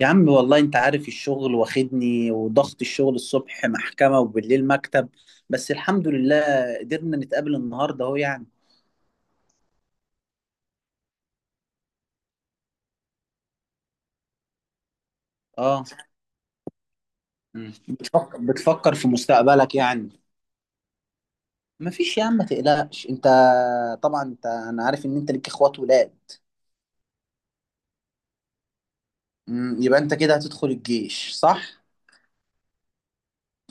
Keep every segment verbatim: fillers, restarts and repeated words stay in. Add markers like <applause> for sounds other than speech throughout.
يا عم، والله انت عارف الشغل واخدني وضغط الشغل الصبح محكمة وبالليل مكتب. بس الحمد لله قدرنا نتقابل النهاردة اهو يعني. اه مم. بتفكر بتفكر في مستقبلك يعني. مفيش يا عم، ما تقلقش انت. طبعا انت انا عارف ان انت ليك اخوات ولاد. مم، يبقى انت كده هتدخل الجيش، صح؟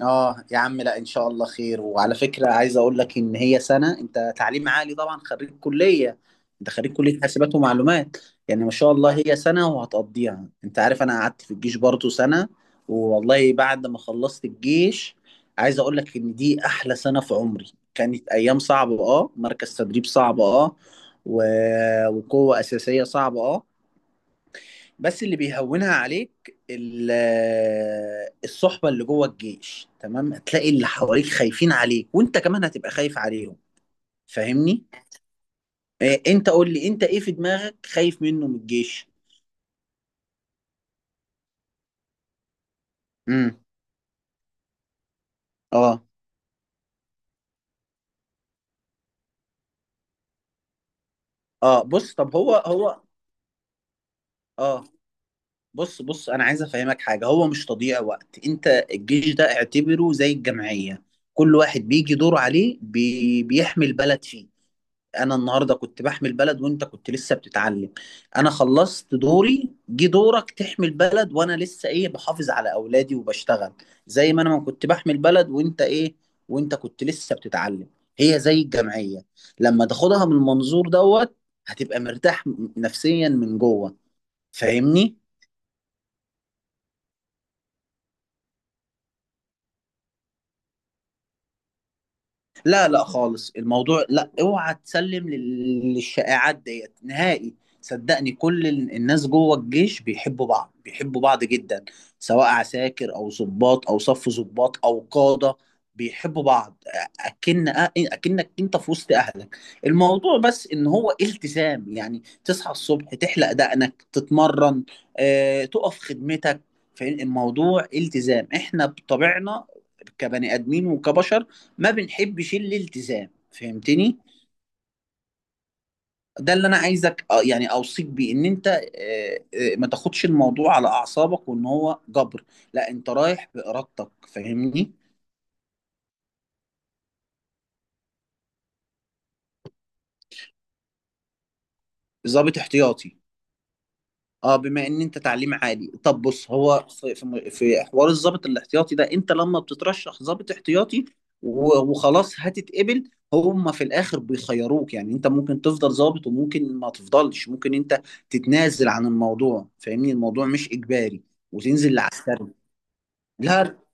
اه يا عم، لا ان شاء الله خير. وعلى فكره، عايز اقول لك ان هي سنه. انت تعليم عالي طبعا، خريج كليه. انت خريج كليه حاسبات ومعلومات. يعني ما شاء الله هي سنه وهتقضيها. انت عارف انا قعدت في الجيش برضه سنه. والله بعد ما خلصت الجيش، عايز اقول لك ان دي احلى سنه في عمري. كانت ايام صعبه، اه، مركز تدريب صعب، اه، و... وقوه اساسيه صعبه، اه. بس اللي بيهونها عليك ال- الصحبة اللي جوه الجيش. تمام، هتلاقي اللي حواليك خايفين عليك، وانت كمان هتبقى خايف عليهم. فاهمني؟ إيه، انت قول لي انت ايه في دماغك خايف منه من الجيش. امم اه. اه بص، طب هو هو. اه، بص بص، انا عايز افهمك حاجة. هو مش تضييع وقت. انت الجيش ده اعتبره زي الجمعية. كل واحد بيجي دور عليه بي بيحمي البلد فيه. انا النهارده كنت بحمي البلد وانت كنت لسه بتتعلم. انا خلصت دوري، جه دورك تحمي البلد، وانا لسه ايه، بحافظ على اولادي وبشتغل. زي ما انا ما كنت بحمي البلد وانت ايه، وانت كنت لسه بتتعلم. هي زي الجمعية، لما تاخدها من المنظور دوت هتبقى مرتاح نفسيا من جوه. فاهمني؟ لا لا خالص، الموضوع لا، اوعى تسلم لل- للشائعات ديت نهائي. صدقني كل ال- الناس جوه الجيش بيحبوا بعض، بيحبوا بعض جدا، سواء عساكر او ضباط او صف ضباط او قادة، بيحبوا بعض. اكن اكنك انت في وسط اهلك. الموضوع بس ان هو التزام، يعني تصحى الصبح تحلق دقنك تتمرن، آه، تقف خدمتك. فالموضوع التزام، احنا بطبعنا كبني ادمين وكبشر ما بنحبش الالتزام، فهمتني؟ ده اللي انا عايزك آه، يعني اوصيك بيه، ان انت آه، آه، ما تاخدش الموضوع على اعصابك وان هو جبر. لا، انت رايح بارادتك، فاهمني؟ ظابط احتياطي. اه، بما ان انت تعليم عالي. طب بص، هو في في م- في حوار الضابط الاحتياطي ده، انت لما بتترشح ضابط احتياطي و- وخلاص هتتقبل، هم في الاخر بيخيروك، يعني انت ممكن تفضل ضابط وممكن ما تفضلش. ممكن انت تتنازل عن الموضوع، فاهمني؟ الموضوع مش اجباري، وتنزل لعسكري. لا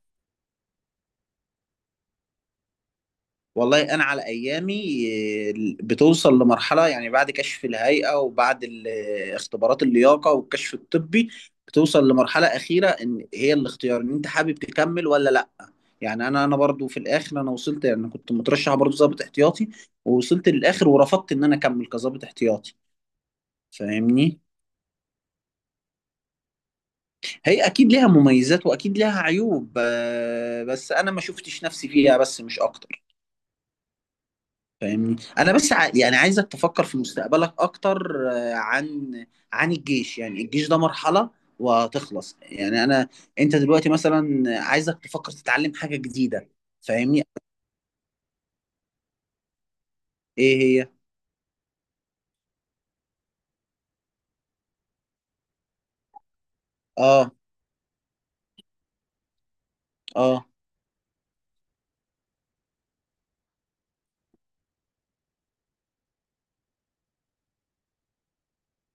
والله، انا على ايامي آه، بتوصل لمرحله، يعني بعد كشف الهيئه وبعد ال- آه، اختبارات اللياقه والكشف الطبي، بتوصل لمرحله اخيره ان هي الاختيار، ان انت حابب تكمل ولا لا. يعني انا انا برضو في الاخر انا وصلت، يعني انا كنت مترشح برضو ضابط احتياطي، ووصلت للاخر ورفضت ان انا اكمل كضابط احتياطي، فاهمني؟ هي اكيد ليها مميزات واكيد ليها عيوب، آه، بس انا ما شفتش نفسي فيها، بس مش اكتر. فاهمني؟ انا بس ع... يعني عايزك تفكر في مستقبلك اكتر، آه، عن عن الجيش. يعني الجيش ده مرحلة وهتخلص. يعني انا انت دلوقتي مثلا، عايزك تفكر تتعلم حاجة جديدة. فاهمني؟ ايه، هي. اه. اه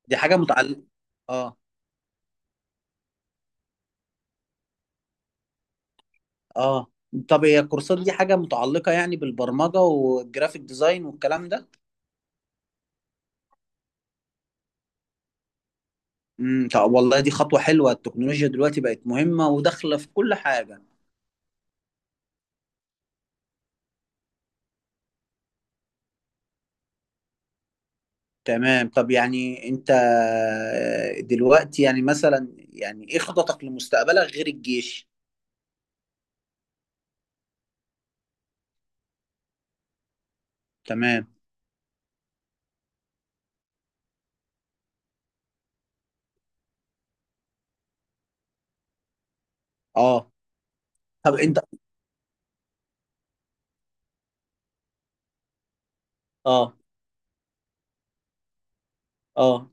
دي حاجة متعلقة. اه. اه طب هي الكورسات دي حاجة متعلقة يعني بالبرمجة والجرافيك ديزاين والكلام ده. امم، طب والله دي خطوة حلوة. التكنولوجيا دلوقتي بقت مهمة وداخلة في كل حاجة. تمام، طب يعني انت دلوقتي يعني مثلا، يعني ايه خططك لمستقبلك غير الجيش. تمام. اه، طب انت. اه. اه.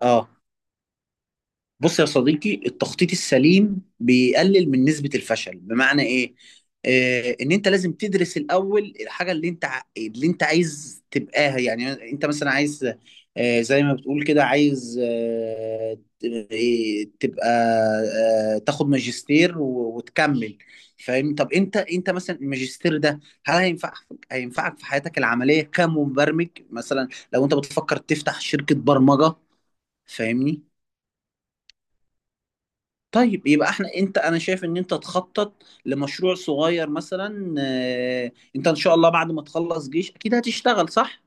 اه بص يا صديقي، التخطيط السليم بيقلل من نسبة الفشل. بمعنى ايه؟ آه، ان انت لازم تدرس الاول الحاجة اللي انت ع- اللي انت عايز تبقاها. يعني انت مثلا عايز، آه زي ما بتقول كده، عايز آه ت- إيه، تبقى آه تاخد ماجستير و- وتكمل، فاهم؟ طب انت انت مثلا الماجستير ده، هل هينفع، هينفعك في حياتك العملية كمبرمج مثلا، لو انت بتفكر تفتح شركة برمجة، فاهمني؟ طيب يبقى احنا، انت انا شايف ان انت تخطط لمشروع صغير مثلا. آه، انت ان شاء الله بعد ما تخلص جيش اكيد هتشتغل، صح؟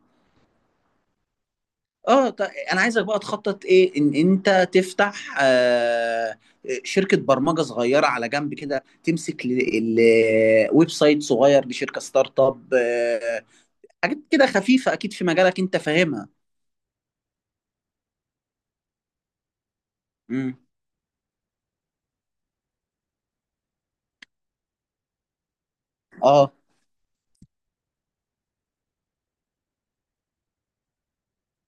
اه، ط- انا عايزك بقى تخطط ايه، ان انت تفتح آه، شركة برمجة صغيرة على جنب كده، تمسك ل- ال- ويب سايت صغير لشركة ستارت اب، آه، حاجات كده خفيفة اكيد في مجالك انت فاهمها. امم. اه.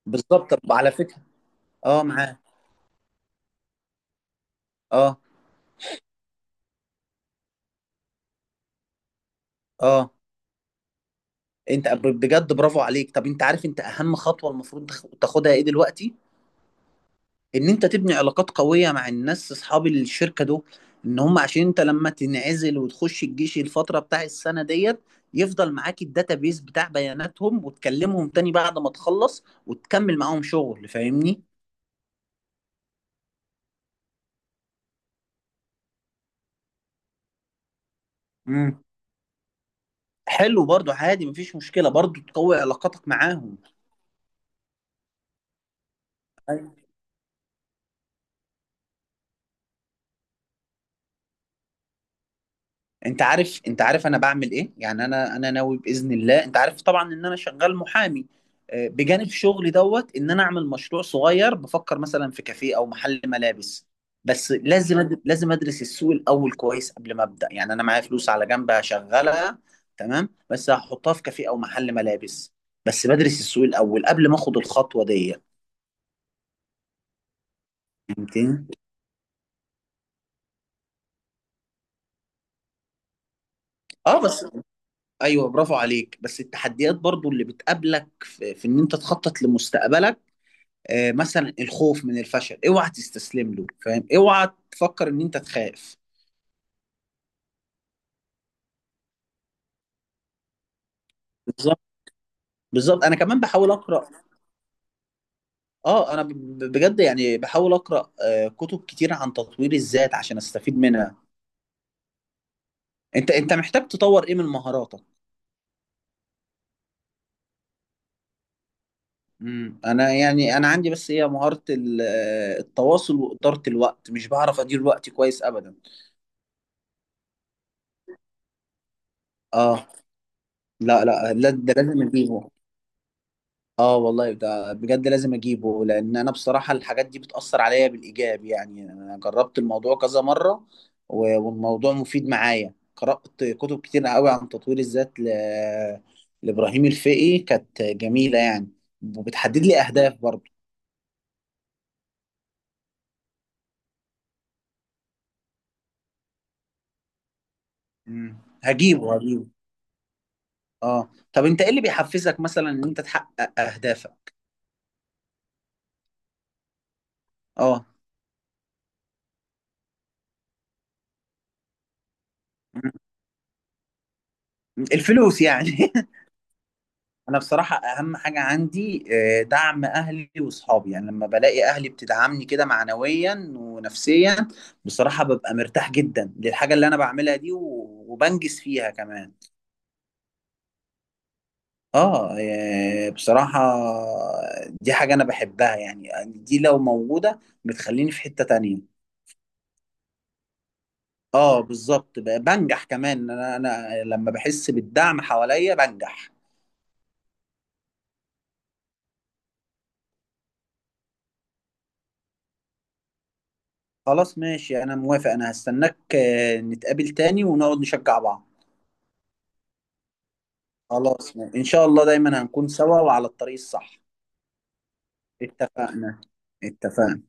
بالظبط، طب على فكرة. اه معاه. اه. اه انت بجد برافو عليك. طب انت عارف انت اهم خطوه المفروض تاخ- تاخدها ايه دلوقتي؟ ان انت تبني علاقات قويه مع الناس اصحاب الشركه دول ان هم، عشان انت لما تنعزل وتخش الجيش الفتره بتاع السنه ديت يفضل معاك الداتابيز بتاع بياناتهم، وتكلمهم تاني بعد ما تخلص وتكمل معاهم شغل. فاهمني؟ امم. حلو برضو عادي، مفيش مشكله، برضو تقوي علاقاتك معاهم. انت عارف انت عارف انا بعمل ايه؟ يعني انا انا ناوي باذن الله، انت عارف طبعا ان انا شغال محامي، آه، بجانب شغلي دوت، ان انا اعمل مشروع صغير. بفكر مثلا في كافيه او محل ملابس، بس لازم أد... لازم ادرس السوق الاول كويس قبل ما ابدا. يعني انا معايا فلوس على جنب هشغلها، تمام، بس هحطها في كافيه او محل ملابس، بس بدرس السوق الاول قبل ما اخد الخطوه دي. فهمتني؟ اه بس. ايوه، برافو عليك. بس التحديات برضو اللي بتقابلك في, في ان انت تخطط لمستقبلك، آه، مثلا الخوف من الفشل، اوعى تستسلم له، فاهم؟ اوعى تفكر ان انت تخاف. بالظبط. بالظبط، انا كمان بحاول اقرا. اه، انا ب- ب- بجد يعني بحاول اقرا آه، كتب كتير عن تطوير الذات عشان استفيد منها. انت انت محتاج تطور ايه من مهاراتك؟ امم، انا يعني انا عندي بس هي مهارة ال- آه، التواصل وإدارة الوقت، مش بعرف ادير وقتي كويس ابدا. اه. لا لا لا، ده لازم اجيبه. اه والله ده بجد لازم اجيبه، لان انا بصراحه الحاجات دي بتاثر عليا بالايجاب. يعني انا جربت الموضوع كذا مره و- والموضوع مفيد معايا. قرات كتب كتير قوي عن تطوير الذات ل... لابراهيم الفقي، كانت جميله يعني، وبتحدد لي اهداف برضه. مم. هجيبه هجيبه. اه طب انت ايه اللي بيحفزك مثلا ان انت تحقق اهدافك؟ اه. مم. الفلوس يعني <laughs> انا بصراحه اهم حاجه عندي، آه، دعم اهلي واصحابي. يعني لما بلاقي اهلي بتدعمني كده معنويا ونفسيا، بصراحه ببقى مرتاح جدا للحاجه اللي انا بعملها دي و- وبنجز فيها كمان. اه، آه، بصراحه دي حاجه انا بحبها. يعني دي لو موجوده بتخليني في حته تانية. اه بالظبط، ب- بنجح كمان. انا انا لما بحس بالدعم حواليا بنجح. خلاص ماشي، انا موافق، انا هستناك، آه، نتقابل تاني ونقعد نشجع بعض. خلاص، إن شاء الله دايما هنكون سوا وعلى الطريق الصح. اتفقنا. اتفقنا.